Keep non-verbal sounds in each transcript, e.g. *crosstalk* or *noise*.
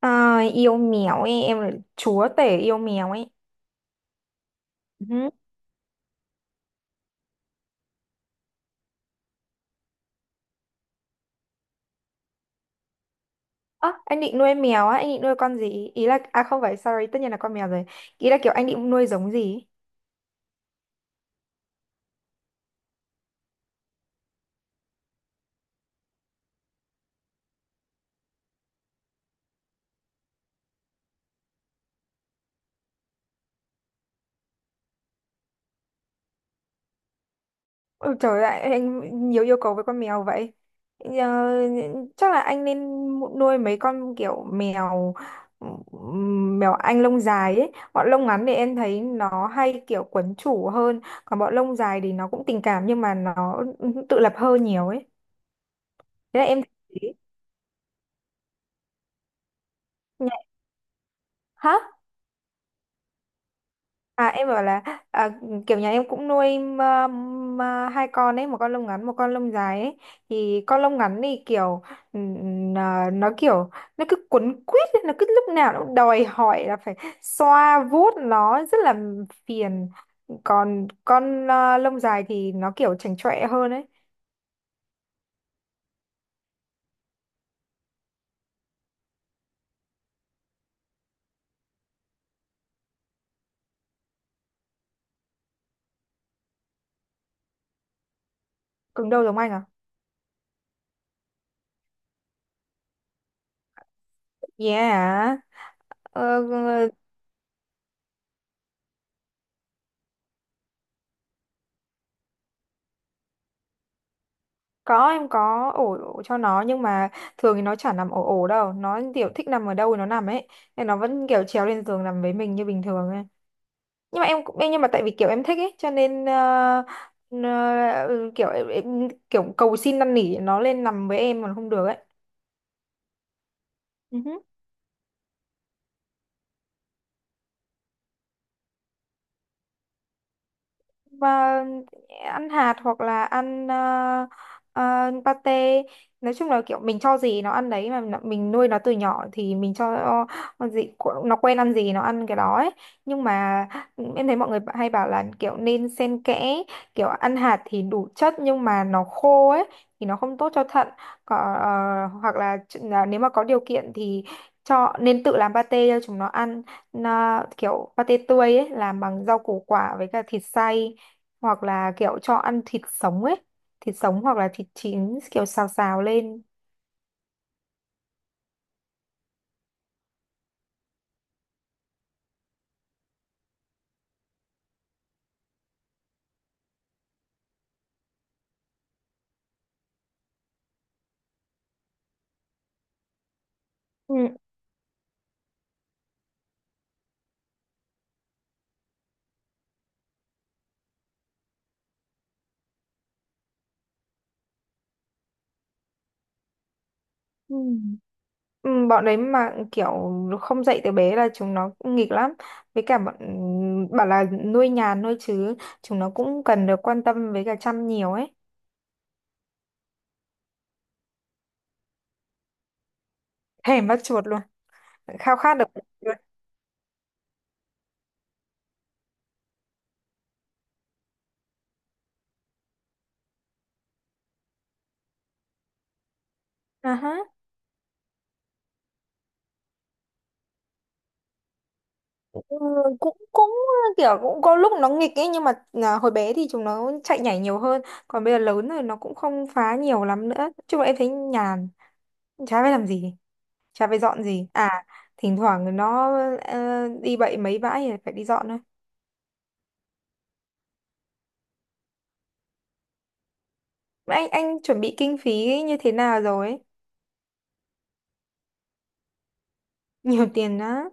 À, yêu mèo ấy, em là chúa tể yêu mèo ấy. Ừ. Ơ, anh định nuôi mèo á, anh định nuôi con gì? Ý là, à không phải, sorry, tất nhiên là con mèo rồi. Ý là kiểu anh định nuôi giống gì? Ôi trời ơi, anh nhiều yêu cầu với con mèo vậy. Ờ, chắc là anh nên nuôi mấy con kiểu mèo mèo anh lông dài ấy. Bọn lông ngắn thì em thấy nó hay kiểu quấn chủ hơn, còn bọn lông dài thì nó cũng tình cảm nhưng mà nó tự lập hơn nhiều ấy. Thế là em thấy. Hả? À, em bảo là, à, kiểu nhà em cũng nuôi hai con ấy, một con lông ngắn, một con lông dài ấy. Thì con lông ngắn thì kiểu, nó kiểu nó cứ quấn quýt ấy, nó cứ lúc nào nó cũng đòi hỏi là phải xoa vuốt nó, rất là phiền. Còn con, lông dài thì nó kiểu chảnh chọe hơn ấy. Cứng đầu giống anh à? Yeah. Ờ. Ờ. Có, em có ổ cho nó, nhưng mà thường thì nó chả nằm ổ ổ đâu, nó kiểu thích nằm ở đâu thì nó nằm ấy, nên nó vẫn kiểu trèo lên giường nằm với mình như bình thường ấy. Nhưng mà em cũng, nhưng mà tại vì kiểu em thích ấy, cho nên kiểu em kiểu cầu xin năn nỉ nó lên nằm với em còn không được ấy. Và ăn hạt hoặc là ăn, pate. Nói chung là kiểu mình cho gì nó ăn đấy, mà nó- mình nuôi nó từ nhỏ thì mình cho nó gì, nó quen ăn gì nó ăn cái đó ấy. Nhưng mà em thấy mọi người hay bảo là kiểu nên xen kẽ, kiểu ăn hạt thì đủ chất nhưng mà nó khô ấy, thì nó không tốt cho thận. Có, ờ, hoặc là, là nếu mà có điều kiện thì cho nên tự làm pate cho chúng nó ăn, nó kiểu pate tươi ấy, làm bằng rau củ quả với cả thịt xay, hoặc là kiểu cho ăn thịt sống ấy. Thịt sống hoặc là thịt chín kiểu xào xào lên. Ừ. Ừ. Ừ, bọn đấy mà kiểu không dạy từ bé là chúng nó cũng nghịch lắm, với cả bọn bảo là nuôi nhàn nuôi chứ chúng nó cũng cần được quan tâm với cả chăm nhiều ấy. Thèm bắt chuột luôn, khao khát được bắt chuột. Ừ, cũng cũng kiểu cũng có lúc nó nghịch ấy, nhưng mà hồi bé thì chúng nó chạy nhảy nhiều hơn, còn bây giờ lớn rồi nó cũng không phá nhiều lắm nữa. Nói chung là em thấy nhàn, chả phải làm gì, chả phải dọn gì à. Thỉnh thoảng nó đi bậy mấy bãi thì phải đi dọn thôi. Mà anh chuẩn bị kinh phí như thế nào rồi ấy? Nhiều *laughs* tiền á?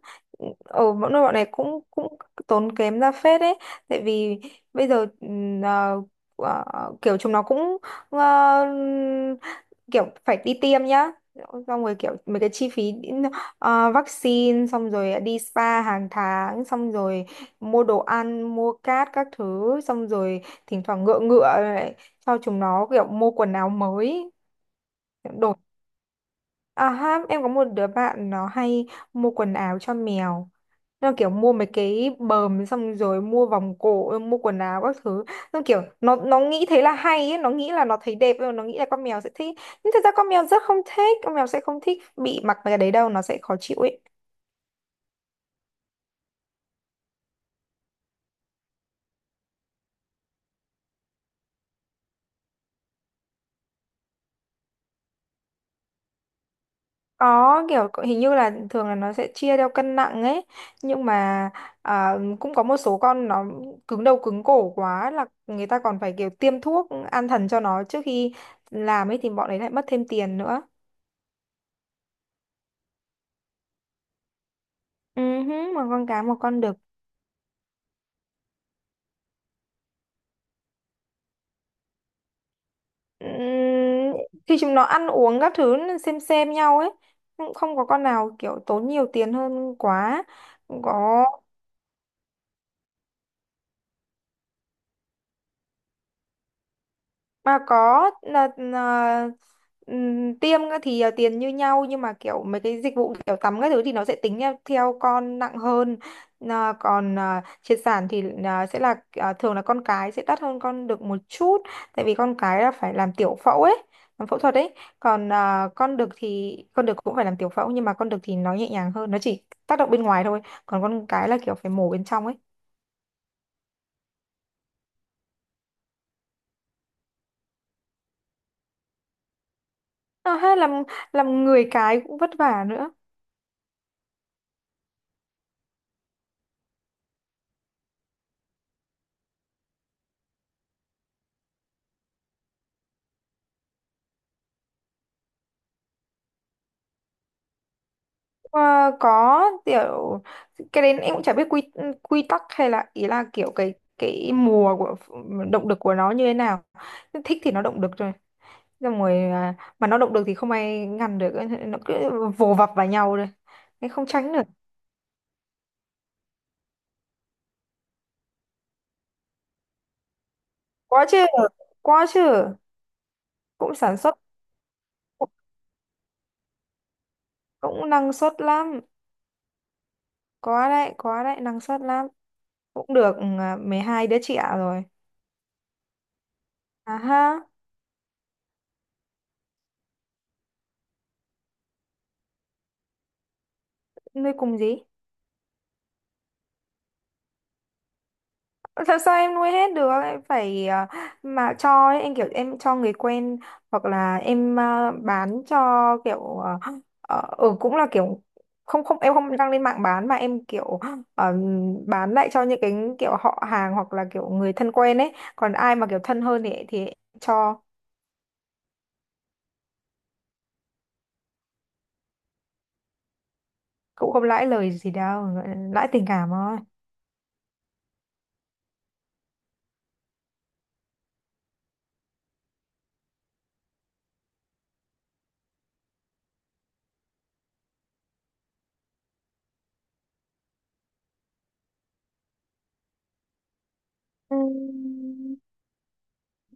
Ở bọn nơi bọn này cũng cũng tốn kém ra phết đấy, tại vì bây giờ kiểu chúng nó cũng, ờ, kiểu phải đi tiêm nhá, xong rồi kiểu mấy cái chi phí, vaccine, xong rồi đi spa hàng tháng, xong rồi mua đồ ăn, mua cát các thứ, xong rồi thỉnh thoảng ngựa ngựa lại cho chúng nó kiểu mua quần áo mới, đồ. À ha, em có một đứa bạn nó hay mua quần áo cho mèo. Nó kiểu mua mấy cái bờm, xong rồi mua vòng cổ, mua quần áo các thứ. Nó kiểu nó nghĩ thế là hay ấy, nó nghĩ là nó thấy đẹp, nó nghĩ là con mèo sẽ thích. Nhưng thật ra con mèo rất không thích, con mèo sẽ không thích bị mặc mấy cái đấy đâu, nó sẽ khó chịu ấy. Có kiểu hình như là thường là nó sẽ chia theo cân nặng ấy, nhưng mà à, cũng có một số con nó cứng đầu cứng cổ quá là người ta còn phải kiểu tiêm thuốc an thần cho nó trước khi làm ấy, thì bọn đấy lại mất thêm tiền nữa. Ừ hứ, một con cá một con đực. Ừm, khi chúng nó ăn uống các thứ nó xem nhau ấy, cũng không có con nào kiểu tốn nhiều tiền hơn quá. Có, mà có là tiêm á thì tiền như nhau, nhưng mà kiểu mấy cái dịch vụ kiểu tắm các thứ thì nó sẽ tính theo, theo con nặng hơn. Là còn triệt sản thì là sẽ là thường là con cái sẽ đắt hơn con đực một chút, tại vì con cái là phải làm tiểu phẫu ấy, làm phẫu thuật ấy. Còn con đực thì con đực cũng phải làm tiểu phẫu, nhưng mà con đực thì nó nhẹ nhàng hơn, nó chỉ tác động bên ngoài thôi. Còn con cái là kiểu phải mổ bên trong ấy. Hay làm người cái cũng vất vả nữa. Ờ, có, kiểu cái đấy em cũng chả biết quy quy tắc hay là, ý là kiểu cái mùa của, động lực của nó như thế nào. Thích thì nó động lực rồi, xong rồi mà nó động lực thì không ai ngăn được, nó cứ vồ vập vào nhau rồi, nên không tránh được. Quá chứ, quá chứ. Cũng sản xuất, cũng, cũng năng suất lắm. Có đấy, có đấy, năng suất lắm. Cũng được, 12 đứa trẻ rồi. À ha. Nuôi cùng gì? Làm sao em nuôi hết được, em phải, mà cho ấy, em kiểu em cho người quen, hoặc là em, bán cho, kiểu, cũng là kiểu không không em không đăng lên mạng bán, mà em kiểu, ờ, bán lại cho những cái kiểu họ hàng hoặc là kiểu người thân quen ấy. Còn ai mà kiểu thân hơn thì em cho. Cũng không lãi lời gì đâu, lãi tình cảm thôi.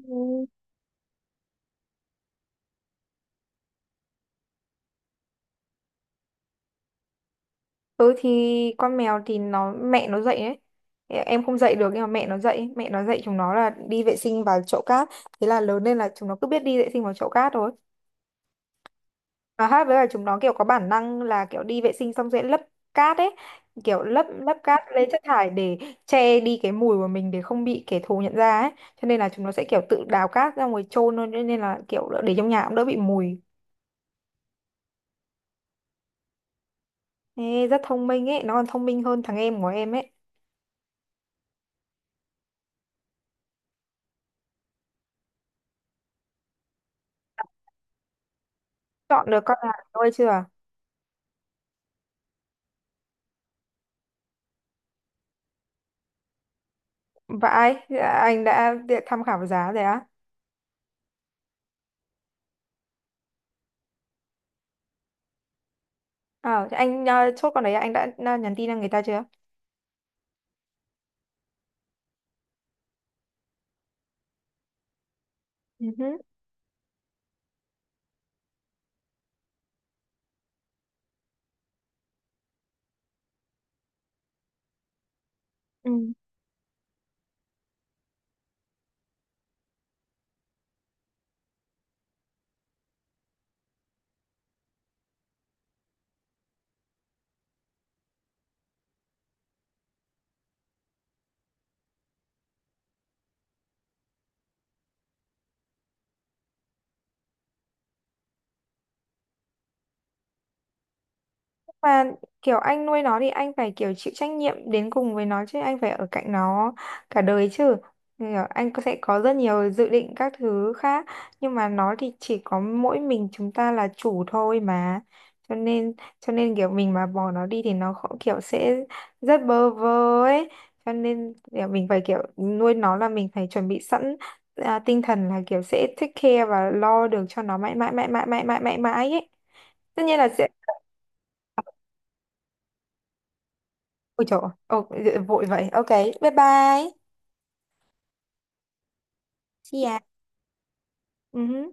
Ừ. Ừ thì con mèo thì nó mẹ nó dậy đấy. Em không dậy được nhưng mà mẹ nó dậy chúng nó là đi vệ sinh vào chậu cát. Thế là lớn lên là chúng nó cứ biết đi vệ sinh vào chậu cát thôi. Và hát với là chúng nó kiểu có bản năng là kiểu đi vệ sinh xong sẽ lấp cát ấy, kiểu lấp lấp cát lên chất thải để che đi cái mùi của mình, để không bị kẻ thù nhận ra ấy. Cho nên là chúng nó sẽ kiểu tự đào cát ra ngoài chôn thôi, cho nên là kiểu để trong nhà cũng đỡ bị mùi. Ê, rất thông minh ấy, nó còn thông minh hơn thằng em của em ấy. Chọn được con nào nuôi chưa? Vãi, anh đã tham khảo giá rồi á. Ờ, thế anh, chốt con đấy anh đã, nhắn tin cho người ta chưa? Ừ hứ. Ừ. Mà kiểu anh nuôi nó thì anh phải kiểu chịu trách nhiệm đến cùng với nó chứ, anh phải ở cạnh nó cả đời chứ. Thì là anh sẽ có rất nhiều dự định các thứ khác, nhưng mà nó thì chỉ có mỗi mình chúng ta là chủ thôi mà, cho nên kiểu mình mà bỏ nó đi thì nó kiểu sẽ rất bơ vơ ấy. Cho nên kiểu mình phải kiểu nuôi nó là mình phải chuẩn bị sẵn, tinh thần là kiểu sẽ take care và lo được cho nó mãi mãi mãi mãi mãi mãi mãi mãi ấy. Tất nhiên là sẽ. Ôi trời ơi. Ồ, vội vậy. Ok, bye bye. See ya. Ừ hứ.